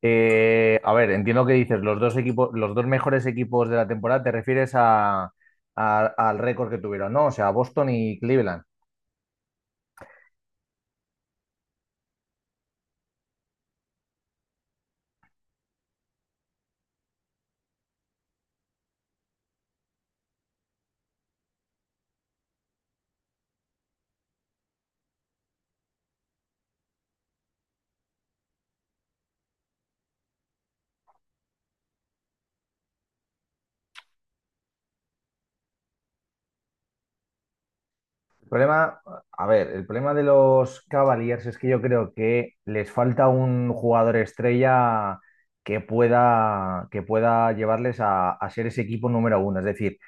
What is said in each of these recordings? A ver, entiendo que dices los dos equipos, los dos mejores equipos de la temporada, te refieres al récord que tuvieron, ¿no? O sea, Boston y Cleveland. El problema, a ver, el problema de los Cavaliers es que yo creo que les falta un jugador estrella que pueda llevarles a ser ese equipo número uno. Es decir,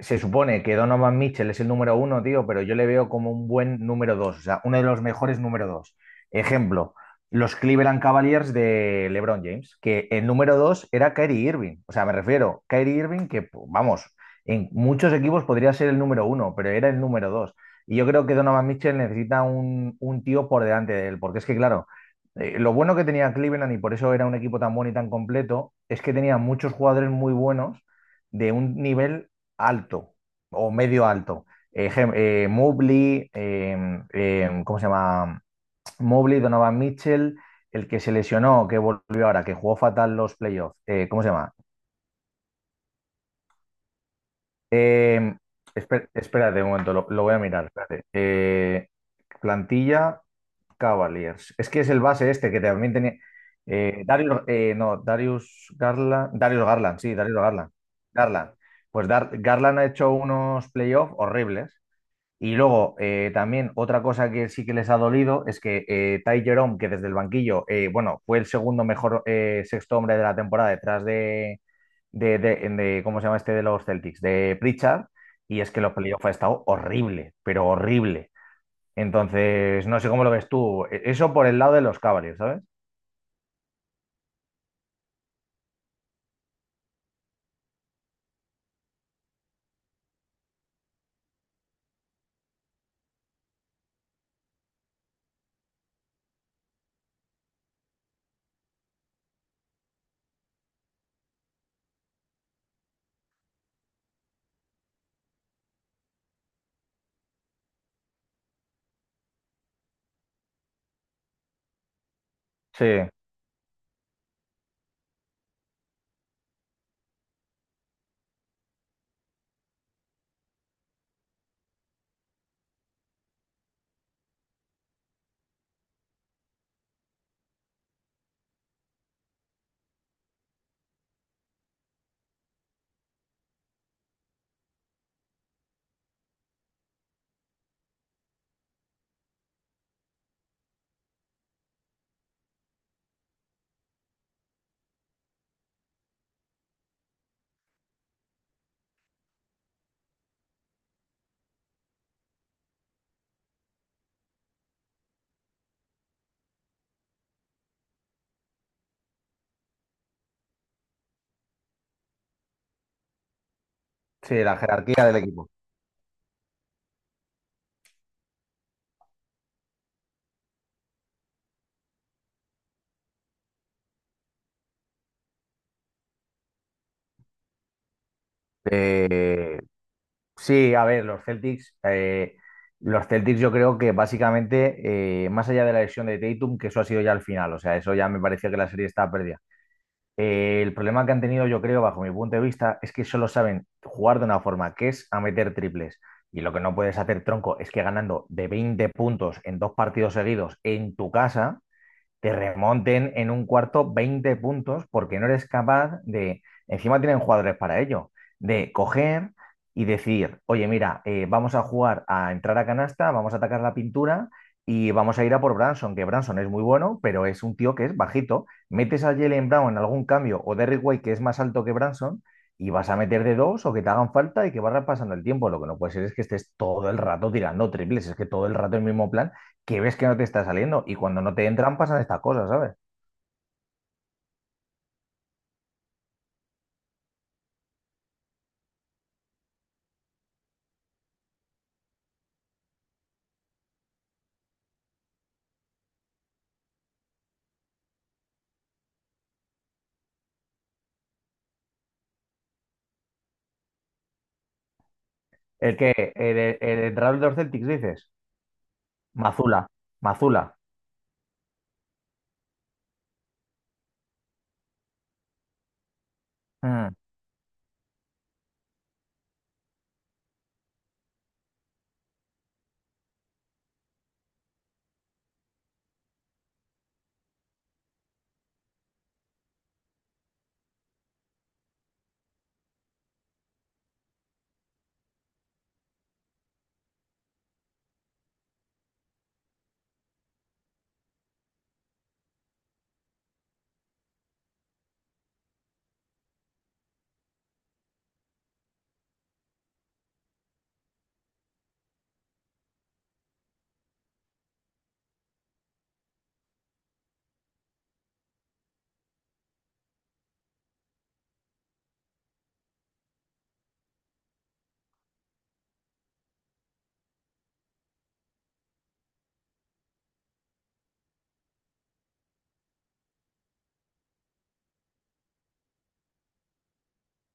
se supone que Donovan Mitchell es el número uno, tío, pero yo le veo como un buen número dos, o sea, uno de los mejores número dos. Ejemplo, los Cleveland Cavaliers de LeBron James, que el número dos era Kyrie Irving. O sea, me refiero, Kyrie Irving, que vamos, en muchos equipos podría ser el número uno, pero era el número dos. Y yo creo que Donovan Mitchell necesita un tío por delante de él, porque es que, claro, lo bueno que tenía Cleveland, y por eso era un equipo tan bueno y tan completo, es que tenía muchos jugadores muy buenos de un nivel alto o medio alto. Mobley, ¿cómo se llama? Mobley, Donovan Mitchell, el que se lesionó, que volvió ahora, que jugó fatal los playoffs. ¿Cómo se llama? Eh, Espérate un momento, lo voy a mirar. Espérate. Plantilla Cavaliers. Es que es el base este que también tenía. Darius, no, Darius Garland. Darius Garland, sí, Darius Garland. Garland. Pues Garland ha hecho unos playoffs horribles. Y luego, también otra cosa que sí que les ha dolido es que Ty Jerome, que desde el banquillo, bueno, fue el segundo mejor sexto hombre de la temporada detrás de, ¿cómo se llama este de los Celtics? De Pritchard, y es que los playoffs ha estado horrible, pero horrible. Entonces, no sé cómo lo ves tú. Eso por el lado de los Cavaliers, ¿sabes? Sí, sí, la jerarquía del equipo. Eh, Sí, a ver, los Celtics yo creo que básicamente, más allá de la lesión de Tatum, que eso ha sido ya al final, o sea, eso ya me parecía que la serie estaba perdida. El problema que han tenido, yo creo, bajo mi punto de vista, es que solo saben jugar de una forma, que es a meter triples. Y lo que no puedes hacer, tronco, es que ganando de 20 puntos en dos partidos seguidos en tu casa, te remonten en un cuarto 20 puntos porque no eres capaz de, encima tienen jugadores para ello, de coger y decir, oye, mira, vamos a jugar a entrar a canasta, vamos a atacar la pintura y vamos a ir a por Branson, que Branson es muy bueno, pero es un tío que es bajito. Metes a Jalen Brown en algún cambio o Derrick White, que es más alto que Branson, y vas a meter de dos o que te hagan falta y que vas pasando el tiempo. Lo que no puede ser es que estés todo el rato tirando triples, es que todo el rato el mismo plan que ves que no te está saliendo. Y cuando no te entran, pasan estas cosas, ¿sabes? El que, el entrenador de los Celtics, dices, Mazula, Mazula. mm,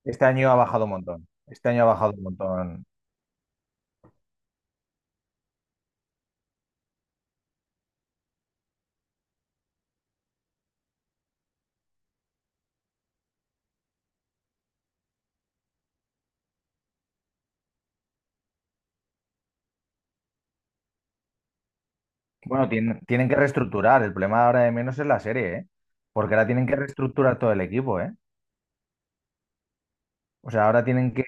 Este año ha bajado un montón. Este año ha bajado un montón. Bueno, tienen que reestructurar. El problema ahora de menos es la serie, ¿eh? Porque ahora tienen que reestructurar todo el equipo, ¿eh? O sea, ahora tienen que,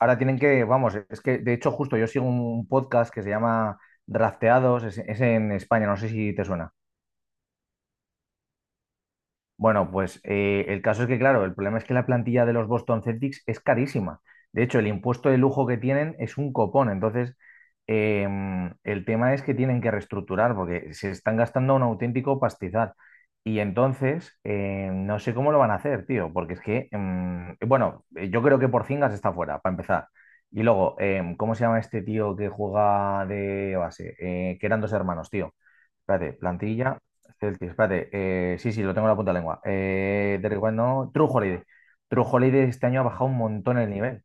vamos, es que de hecho justo yo sigo un podcast que se llama Drafteados, es en España, no sé si te suena. Bueno, pues el caso es que, claro, el problema es que la plantilla de los Boston Celtics es carísima. De hecho, el impuesto de lujo que tienen es un copón. Entonces, el tema es que tienen que reestructurar porque se están gastando un auténtico pastizal. Y entonces, no sé cómo lo van a hacer, tío, porque es que, bueno, yo creo que Porzingis está fuera, para empezar. Y luego, ¿cómo se llama este tío que juega de base? Que eran dos hermanos, tío. Espérate, plantilla, Celtic, espérate. Sí, sí, lo tengo en la punta de la lengua. Derrick White no, True Holiday. True Holiday este año ha bajado un montón el nivel.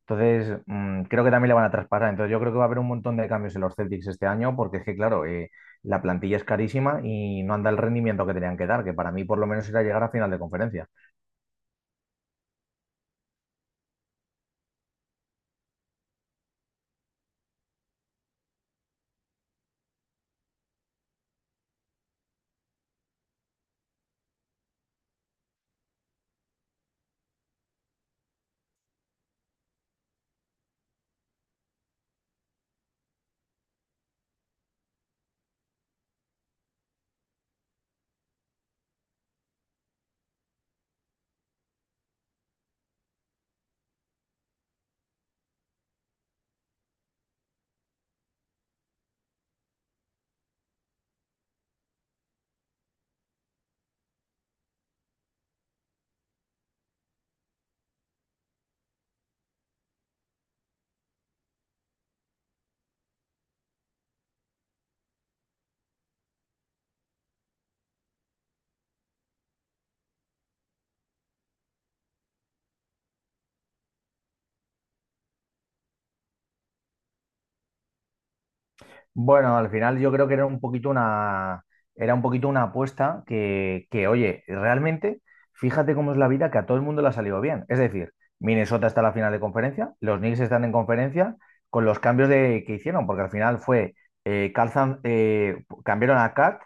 Entonces, creo que también le van a traspasar. Entonces, yo creo que va a haber un montón de cambios en los Celtics este año, porque es que, claro, la plantilla es carísima y no anda el rendimiento que tenían que dar, que para mí por lo menos era llegar a final de conferencia. Bueno, al final yo creo que era un poquito una apuesta que, oye, realmente, fíjate cómo es la vida, que a todo el mundo le ha salido bien. Es decir, Minnesota está en la final de conferencia, los Knicks están en conferencia con los cambios de, que hicieron, porque al final fue, cambiaron a Cat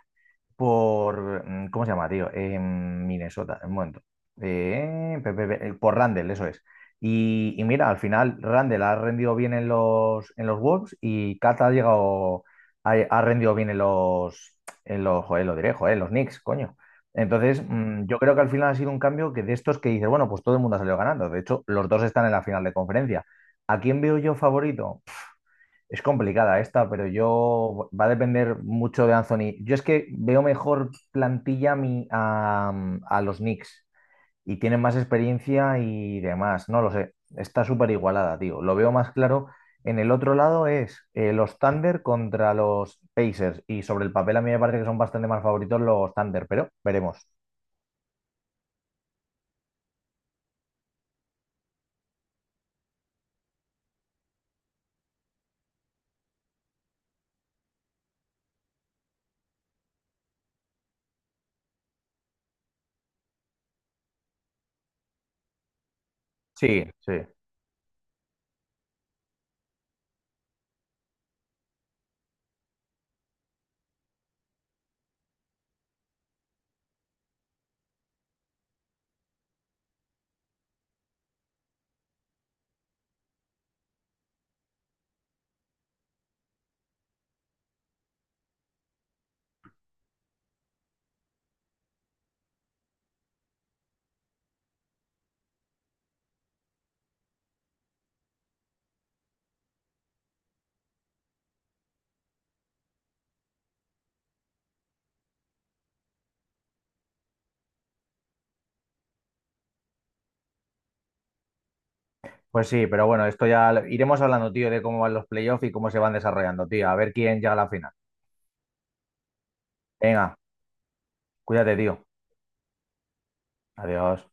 por, ¿cómo se llama, tío? En Minnesota, en un momento. Por Randall, eso es. Y mira, al final Randall ha rendido bien en los Wolves y Kat ha llegado, ha rendido bien en los, joder, lo diré, joder, en los Knicks, coño. Entonces, yo creo que al final ha sido un cambio que de estos que dices, bueno, pues todo el mundo ha salido ganando. De hecho, los dos están en la final de conferencia. ¿A quién veo yo favorito? Es complicada esta, pero yo va a depender mucho de Anthony. Yo es que veo mejor plantilla a, a los Knicks y tienen más experiencia y demás. No lo sé. Está súper igualada, tío. Lo veo más claro. En el otro lado es los Thunder contra los Pacers. Y sobre el papel a mí me parece que son bastante más favoritos los Thunder, pero veremos. Sí, sí. Pues sí, pero bueno, esto ya iremos hablando, tío, de cómo van los playoffs y cómo se van desarrollando, tío. A ver quién llega a la final. Venga, cuídate, tío. Adiós.